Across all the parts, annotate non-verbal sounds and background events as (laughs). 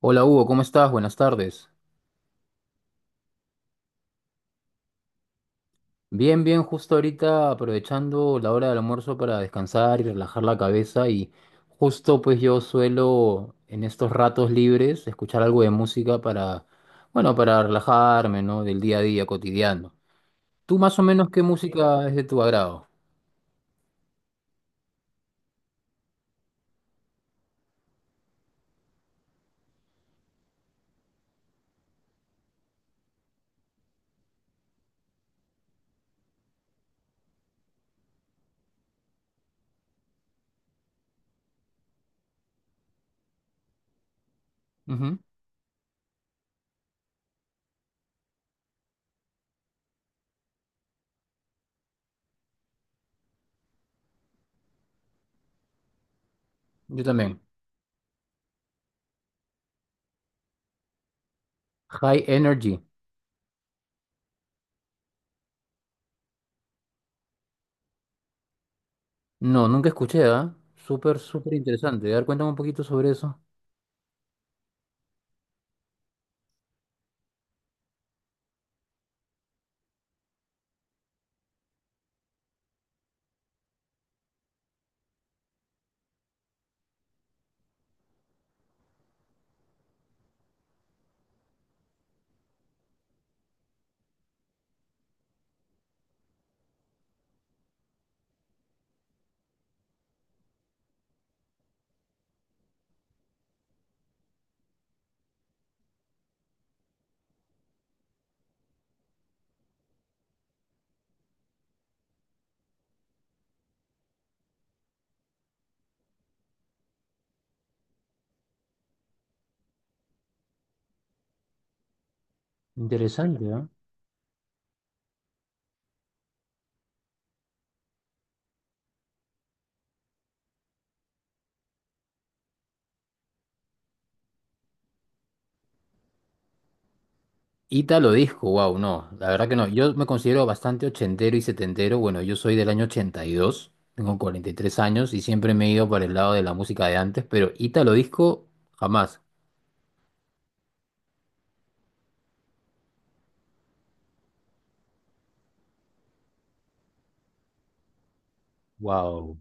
Hola Hugo, ¿cómo estás? Buenas tardes. Bien, bien, justo ahorita aprovechando la hora del almuerzo para descansar y relajar la cabeza. Y justo, pues, yo suelo en estos ratos libres escuchar algo de música para, bueno, para relajarme, ¿no? Del día a día cotidiano. ¿Tú más o menos qué música es de tu agrado? Ujú. Yo también. High Energy. No, nunca escuché, ¿ah? Súper, súper interesante. A ver, cuéntame un poquito sobre eso. Interesante, ¿ah? Ítalo disco, wow, no, la verdad que no. Yo me considero bastante ochentero y setentero. Bueno, yo soy del año 82, tengo 43 años y siempre me he ido para el lado de la música de antes, pero ítalo disco, jamás. Wow.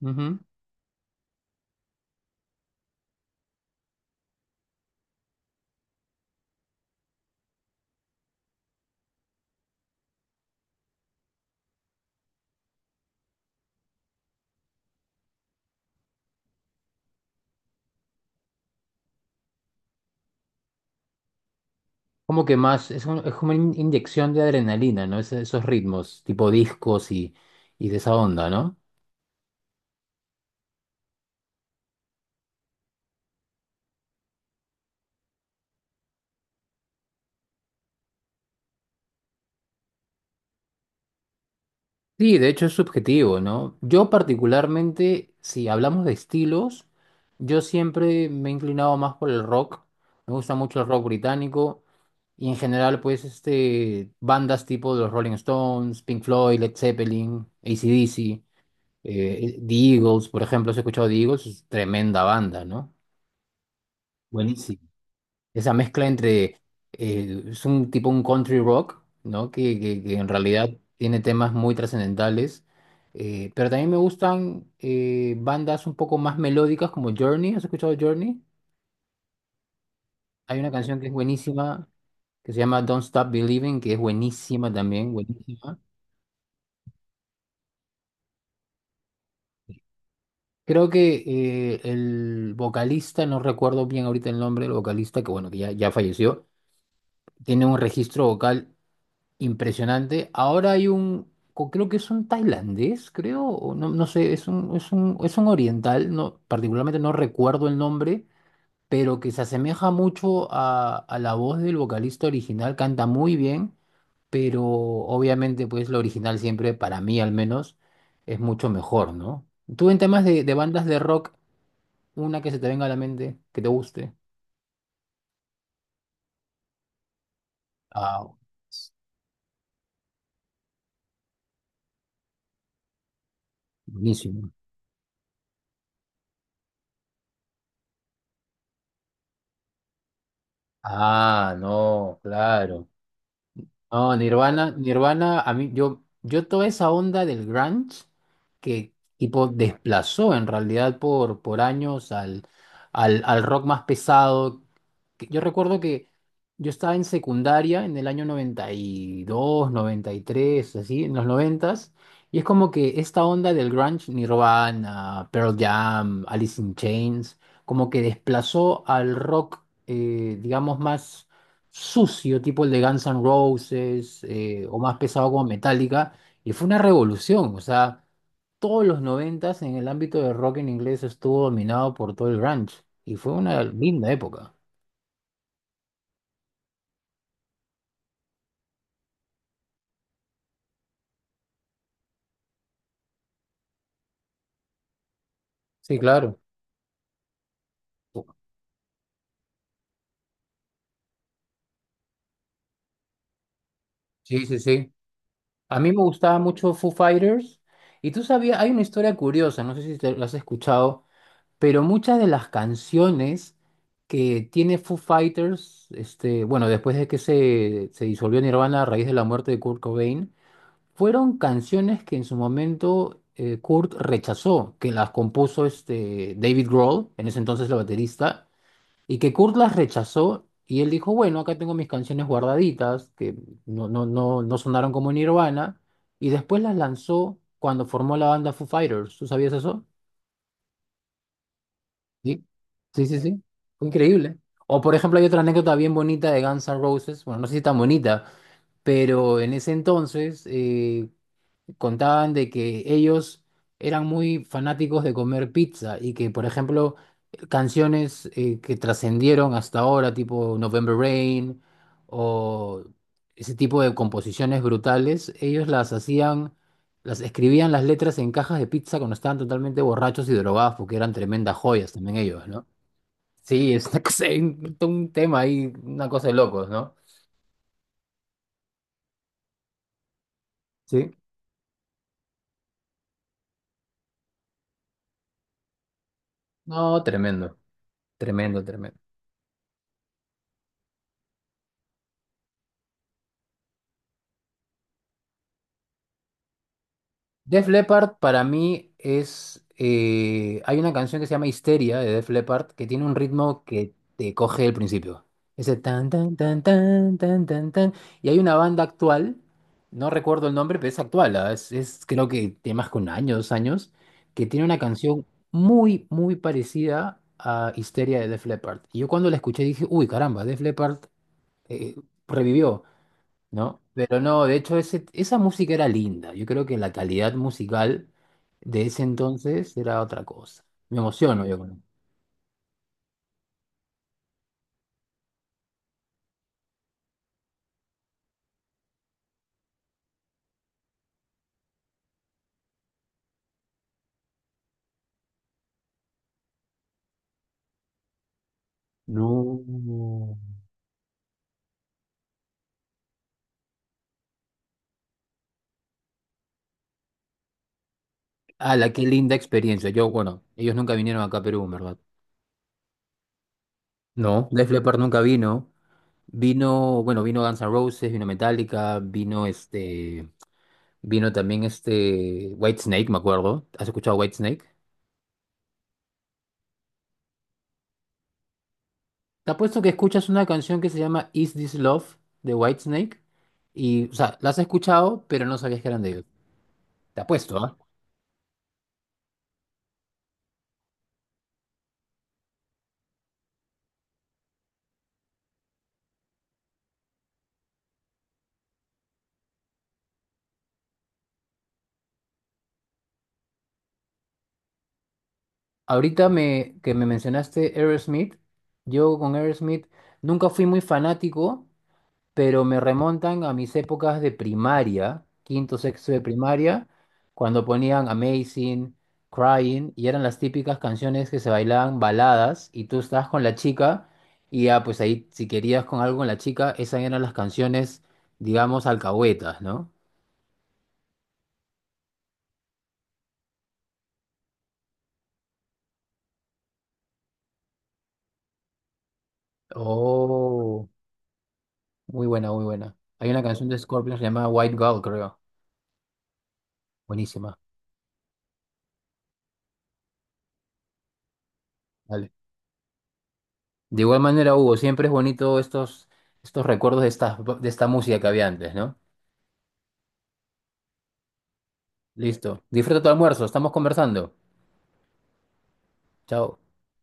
Ujú. Como que más, es, es como una inyección de adrenalina, ¿no? Esos ritmos, tipo discos y de esa onda, ¿no? Sí, de hecho es subjetivo, ¿no? Yo particularmente, si hablamos de estilos, yo siempre me he inclinado más por el rock. Me gusta mucho el rock británico y en general, pues, este, bandas tipo de los Rolling Stones, Pink Floyd, Led Zeppelin, AC/DC, The Eagles, por ejemplo. ¿Has escuchado The Eagles? Es tremenda banda, ¿no? Buenísimo esa mezcla entre, es un tipo un country rock, ¿no? Que en realidad tiene temas muy trascendentales. Pero también me gustan bandas un poco más melódicas como Journey. ¿Has escuchado Journey? Hay una canción que es buenísima, que se llama Don't Stop Believing, que es buenísima también, buenísima. Creo que el vocalista, no recuerdo bien ahorita el nombre del vocalista, que bueno, que ya falleció, tiene un registro vocal impresionante. Ahora hay un, creo que es un tailandés, creo, o no, no sé, es un oriental, no, particularmente no recuerdo el nombre, pero que se asemeja mucho a la voz del vocalista original, canta muy bien, pero obviamente pues lo original siempre, para mí al menos, es mucho mejor, ¿no? Tú en temas de bandas de rock, una que se te venga a la mente, que te guste. Ah, buenísimo. Ah, no, claro. No, Nirvana, Nirvana, a mí, yo toda esa onda del grunge que tipo desplazó en realidad por años al, al rock más pesado que- Yo recuerdo que yo estaba en secundaria en el año noventa noventa y dos noventa y tres así, en los noventas, y es como que esta onda del grunge, Nirvana, Pearl Jam, Alice in Chains, como que desplazó al rock, digamos, más sucio, tipo el de Guns N' Roses, o más pesado como Metallica, y fue una revolución, o sea, todos los noventas en el ámbito del rock en inglés estuvo dominado por todo el grunge, y fue una linda época. Sí, claro. Sí, sí, sí. A mí me gustaba mucho Foo Fighters. Y tú sabías, hay una historia curiosa, no sé si te lo has escuchado, pero muchas de las canciones que tiene Foo Fighters, este, bueno, después de que se disolvió Nirvana a raíz de la muerte de Kurt Cobain, fueron canciones que en su momento Kurt rechazó, que las compuso este, David Grohl, en ese entonces el baterista. Y que Kurt las rechazó y él dijo, bueno, acá tengo mis canciones guardaditas, que no sonaron como Nirvana, y después las lanzó cuando formó la banda Foo Fighters. ¿Tú sabías eso? Sí, sí, sí, sí. Fue increíble. O por ejemplo, hay otra anécdota bien bonita de Guns N' Roses, bueno, no sé si tan bonita, pero en ese entonces, contaban de que ellos eran muy fanáticos de comer pizza y que, por ejemplo, canciones que trascendieron hasta ahora, tipo November Rain o ese tipo de composiciones brutales, ellos las hacían, las escribían las letras en cajas de pizza cuando estaban totalmente borrachos y drogados, porque eran tremendas joyas también ellos, ¿no? Sí, (laughs) es una un tema ahí, una cosa de locos, ¿no? Sí. No, tremendo, tremendo, tremendo. Def Leppard para mí es... hay una canción que se llama Histeria de Def Leppard que tiene un ritmo que te coge al principio. Ese tan, tan, tan, tan, tan, tan, tan. Y hay una banda actual, no recuerdo el nombre, pero es actual, ah, es creo que tiene más que un año, dos años, que tiene una canción muy, muy parecida a Histeria de Def Leppard. Y yo cuando la escuché dije, uy, caramba, Def Leppard eh, revivió. ¿No? Pero no, de hecho ese, esa música era linda. Yo creo que la calidad musical de ese entonces era otra cosa. Me emociono yo con él. No, la qué linda experiencia. Yo, bueno, ellos nunca vinieron acá a Perú, en ¿verdad? No, Def Leppard nunca vino. Vino, bueno, vino Guns N' Roses, vino Metallica, vino este, vino también este Whitesnake, me acuerdo. ¿Has escuchado Whitesnake? Te apuesto que escuchas una canción que se llama Is This Love de Whitesnake y, o sea, la has escuchado, pero no sabías que eran de ellos. Te apuesto, ¿ah? Ahorita me, que me mencionaste Aerosmith, yo con Aerosmith nunca fui muy fanático, pero me remontan a mis épocas de primaria, quinto, sexto de primaria, cuando ponían Amazing, Crying, y eran las típicas canciones que se bailaban baladas, y tú estabas con la chica, y ya pues ahí si querías con algo con la chica, esas eran las canciones, digamos, alcahuetas, ¿no? Oh, muy buena, muy buena. Hay una canción de Scorpions llamada White Girl, creo. Buenísima. Vale. De igual manera, Hugo, siempre es bonito estos, estos recuerdos de esta música que había antes, ¿no? Listo. Disfruta tu almuerzo. Estamos conversando. Chao.